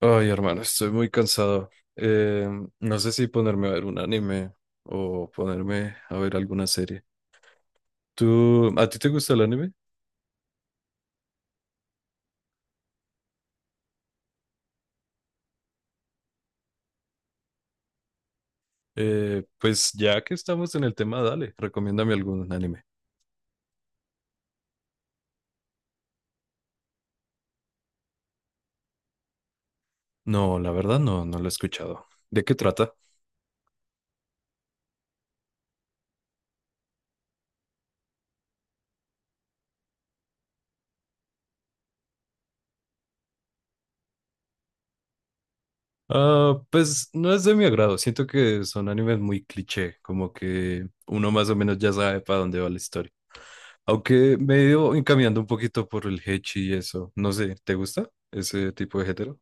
Ay, hermano, estoy muy cansado. Eh, no sé si ponerme a ver un anime o ponerme a ver alguna serie. ¿Tú, a ti te gusta el anime? Pues ya que estamos en el tema, dale, recomiéndame algún anime. No, la verdad no, lo he escuchado. ¿De qué trata? Ah, pues no es de mi agrado. Siento que son animes muy cliché, como que uno más o menos ya sabe para dónde va la historia. Aunque me he ido encaminando un poquito por el hechi y eso. No sé, ¿te gusta ese tipo de género?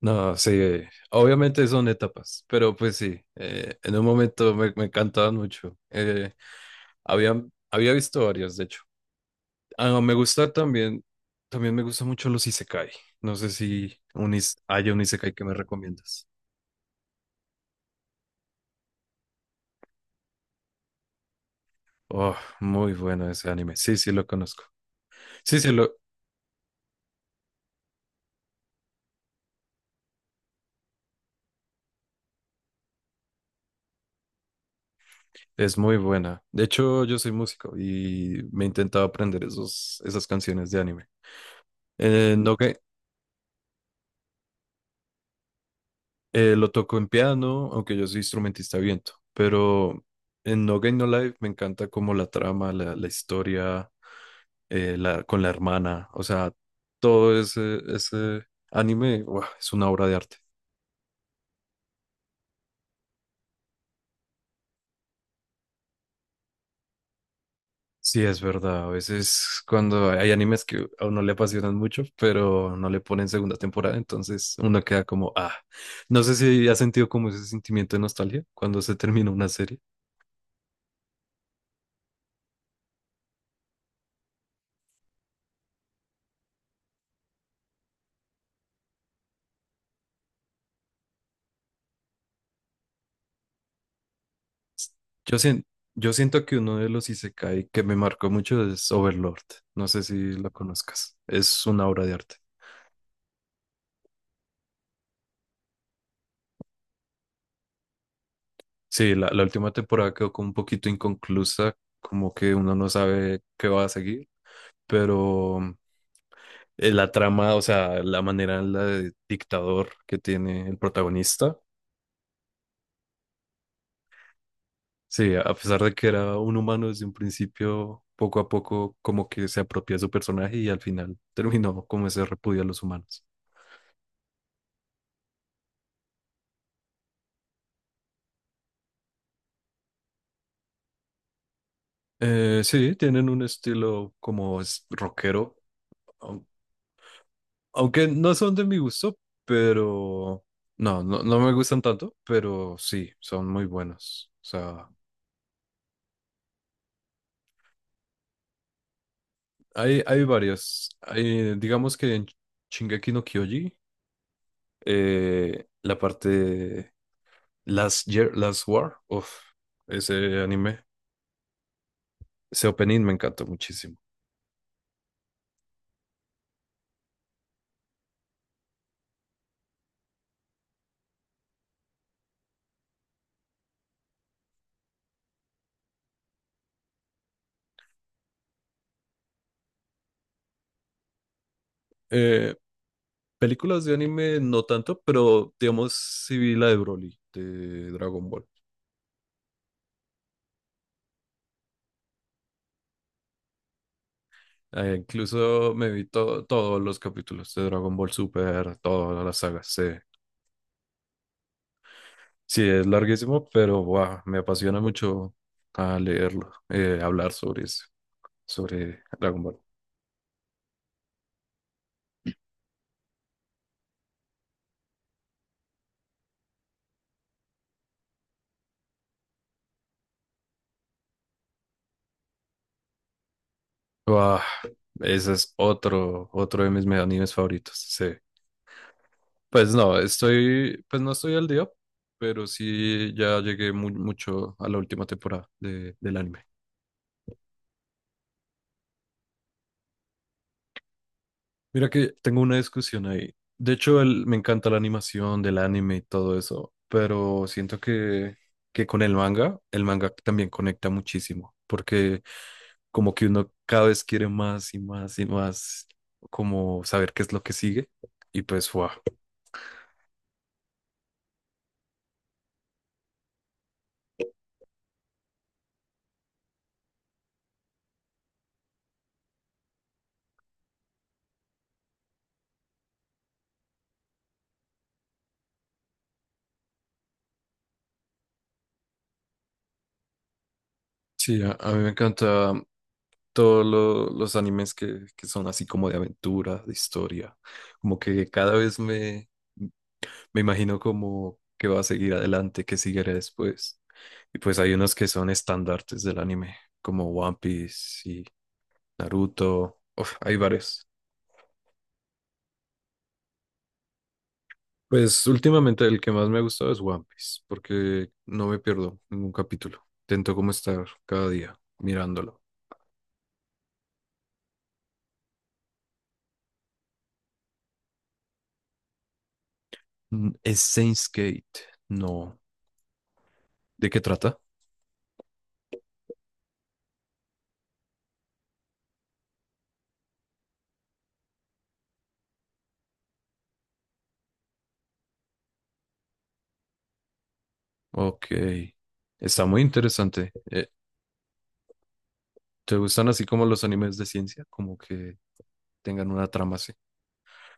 No, sí, obviamente son etapas, pero pues sí, en un momento me encantaban mucho. Había, había visto varias, de hecho. Ah, me gusta también, también me gustan mucho los isekai. No sé si hay un isekai que me recomiendas. Oh, muy bueno ese anime. Sí, sí, lo conozco. Sí, sí, es muy buena. De hecho, yo soy músico y me intentaba aprender esas canciones de anime. No, que- Lo toco en piano, aunque yo soy instrumentista de viento, pero en No Game No Life me encanta como la trama, la historia, con la hermana, o sea, todo ese, ese anime, ¡guau!, es una obra de arte. Sí, es verdad, a veces cuando hay animes que a uno le apasionan mucho, pero no le ponen segunda temporada, entonces uno queda como, ah, no sé si ha sentido como ese sentimiento de nostalgia cuando se termina una serie. Yo siento, yo siento que uno de los isekai que me marcó mucho es Overlord. No sé si lo conozcas. Es una obra de arte. Sí, la última temporada quedó como un poquito inconclusa, como que uno no sabe qué va a seguir, pero la trama, o sea, la manera en la de dictador que tiene el protagonista, sí, a pesar de que era un humano desde un principio, poco a poco como que se apropia de su personaje y al final terminó como ese repudio a los humanos. Sí, tienen un estilo como rockero, au- aunque no son de mi gusto, pero no, no, no me gustan tanto, pero sí, son muy buenos. O sea, hay varios. Hay, digamos que en Shingeki no Kyoji, la parte Last Year, Last War, uf, ese anime, ese opening me encantó muchísimo. Eh, Películas de anime no tanto, pero digamos sí vi la de Broly, de Dragon Ball. Incluso me vi todos los capítulos de Dragon Ball Super, todas las sagas. Sí, sí es larguísimo, pero guau, me apasiona mucho a leerlo, hablar sobre eso, sobre Dragon Ball. Guau, ese es otro, otro de mis animes favoritos. Sí. Pues no estoy al día, pero sí ya llegué mucho a la última temporada del anime. Mira que tengo una discusión ahí. De hecho, me encanta la animación del anime y todo eso, pero siento que con el manga también conecta muchísimo, porque como que uno cada vez quiere más y más y más, como saber qué es lo que sigue. Y pues, wow. Sí, a mí me encanta todos los animes que son así como de aventura, de historia, como que cada vez me, me imagino como que va a seguir adelante, que seguirá después. Y pues hay unos que son estandartes del anime, como One Piece y Naruto. Uf, hay varios. Pues últimamente el que más me ha gustado es One Piece, porque no me pierdo ningún capítulo. Intento como estar cada día mirándolo. Mm, ¿es Saints Gate? No. ¿De qué trata? Ok, está muy interesante. ¿Te gustan así como los animes de ciencia? Como que tengan una trama así.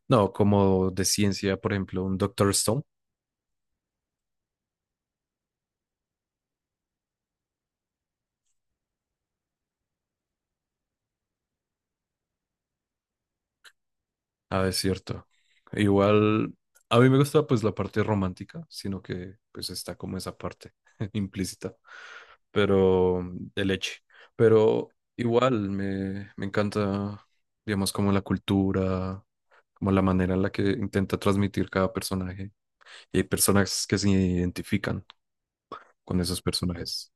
No, como de ciencia, por ejemplo, un Doctor Stone. Ah, es cierto. Igual, a mí me gusta pues la parte romántica, sino que pues está como esa parte implícita, pero mm, de leche. Pero igual me encanta, digamos, como la cultura, como la manera en la que intenta transmitir cada personaje. Y hay personas que se identifican con esos personajes.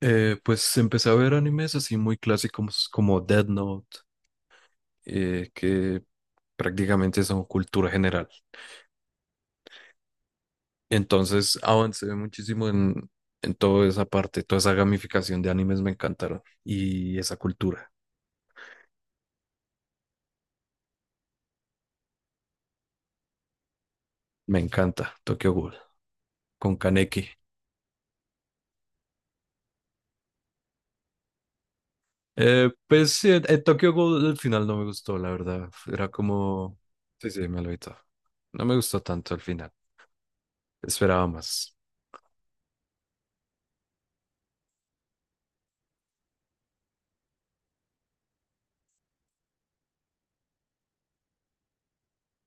Pues empecé a ver animes así muy clásicos como Death Note, que prácticamente son cultura general. Entonces avancé muchísimo en toda esa parte, toda esa gamificación de animes me encantaron y esa cultura. Me encanta Tokyo Ghoul con Kaneki. Pues sí, Tokyo Ghoul al final no me gustó, la verdad. Era como... Sí, sí, me lo evitó. No me gustó tanto al final. Esperaba más.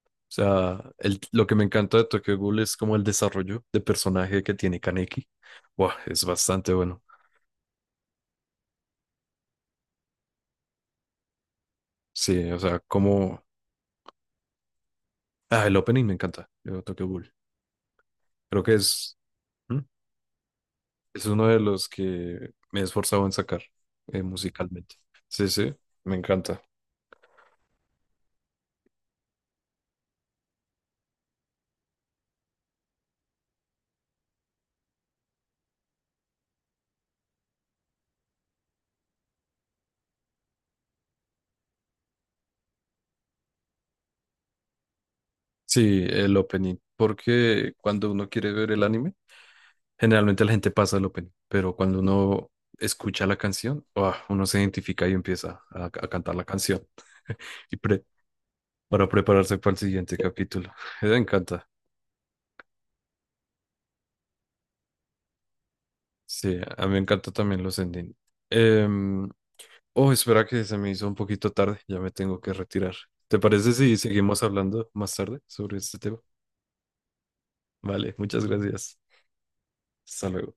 O sea, lo que me encanta de Tokyo Ghoul es como el desarrollo de personaje que tiene Kaneki. Buah, es bastante bueno. Sí, o sea, como... Ah, el opening me encanta de Tokyo Ghoul. Creo que es... ¿Mm? Es uno de los que me he esforzado en sacar musicalmente. Sí, sí, me encanta. Sí, el opening. Porque cuando uno quiere ver el anime, generalmente la gente pasa el opening, pero cuando uno escucha la canción, ¡ah!, uno se identifica y empieza a cantar la canción y pre- para prepararse para el siguiente capítulo. Me encanta. Sí, a mí me encanta también los ending. Em, oh, espera que se me hizo un poquito tarde, ya me tengo que retirar. ¿Te parece si seguimos hablando más tarde sobre este tema? Vale, muchas gracias. Hasta luego.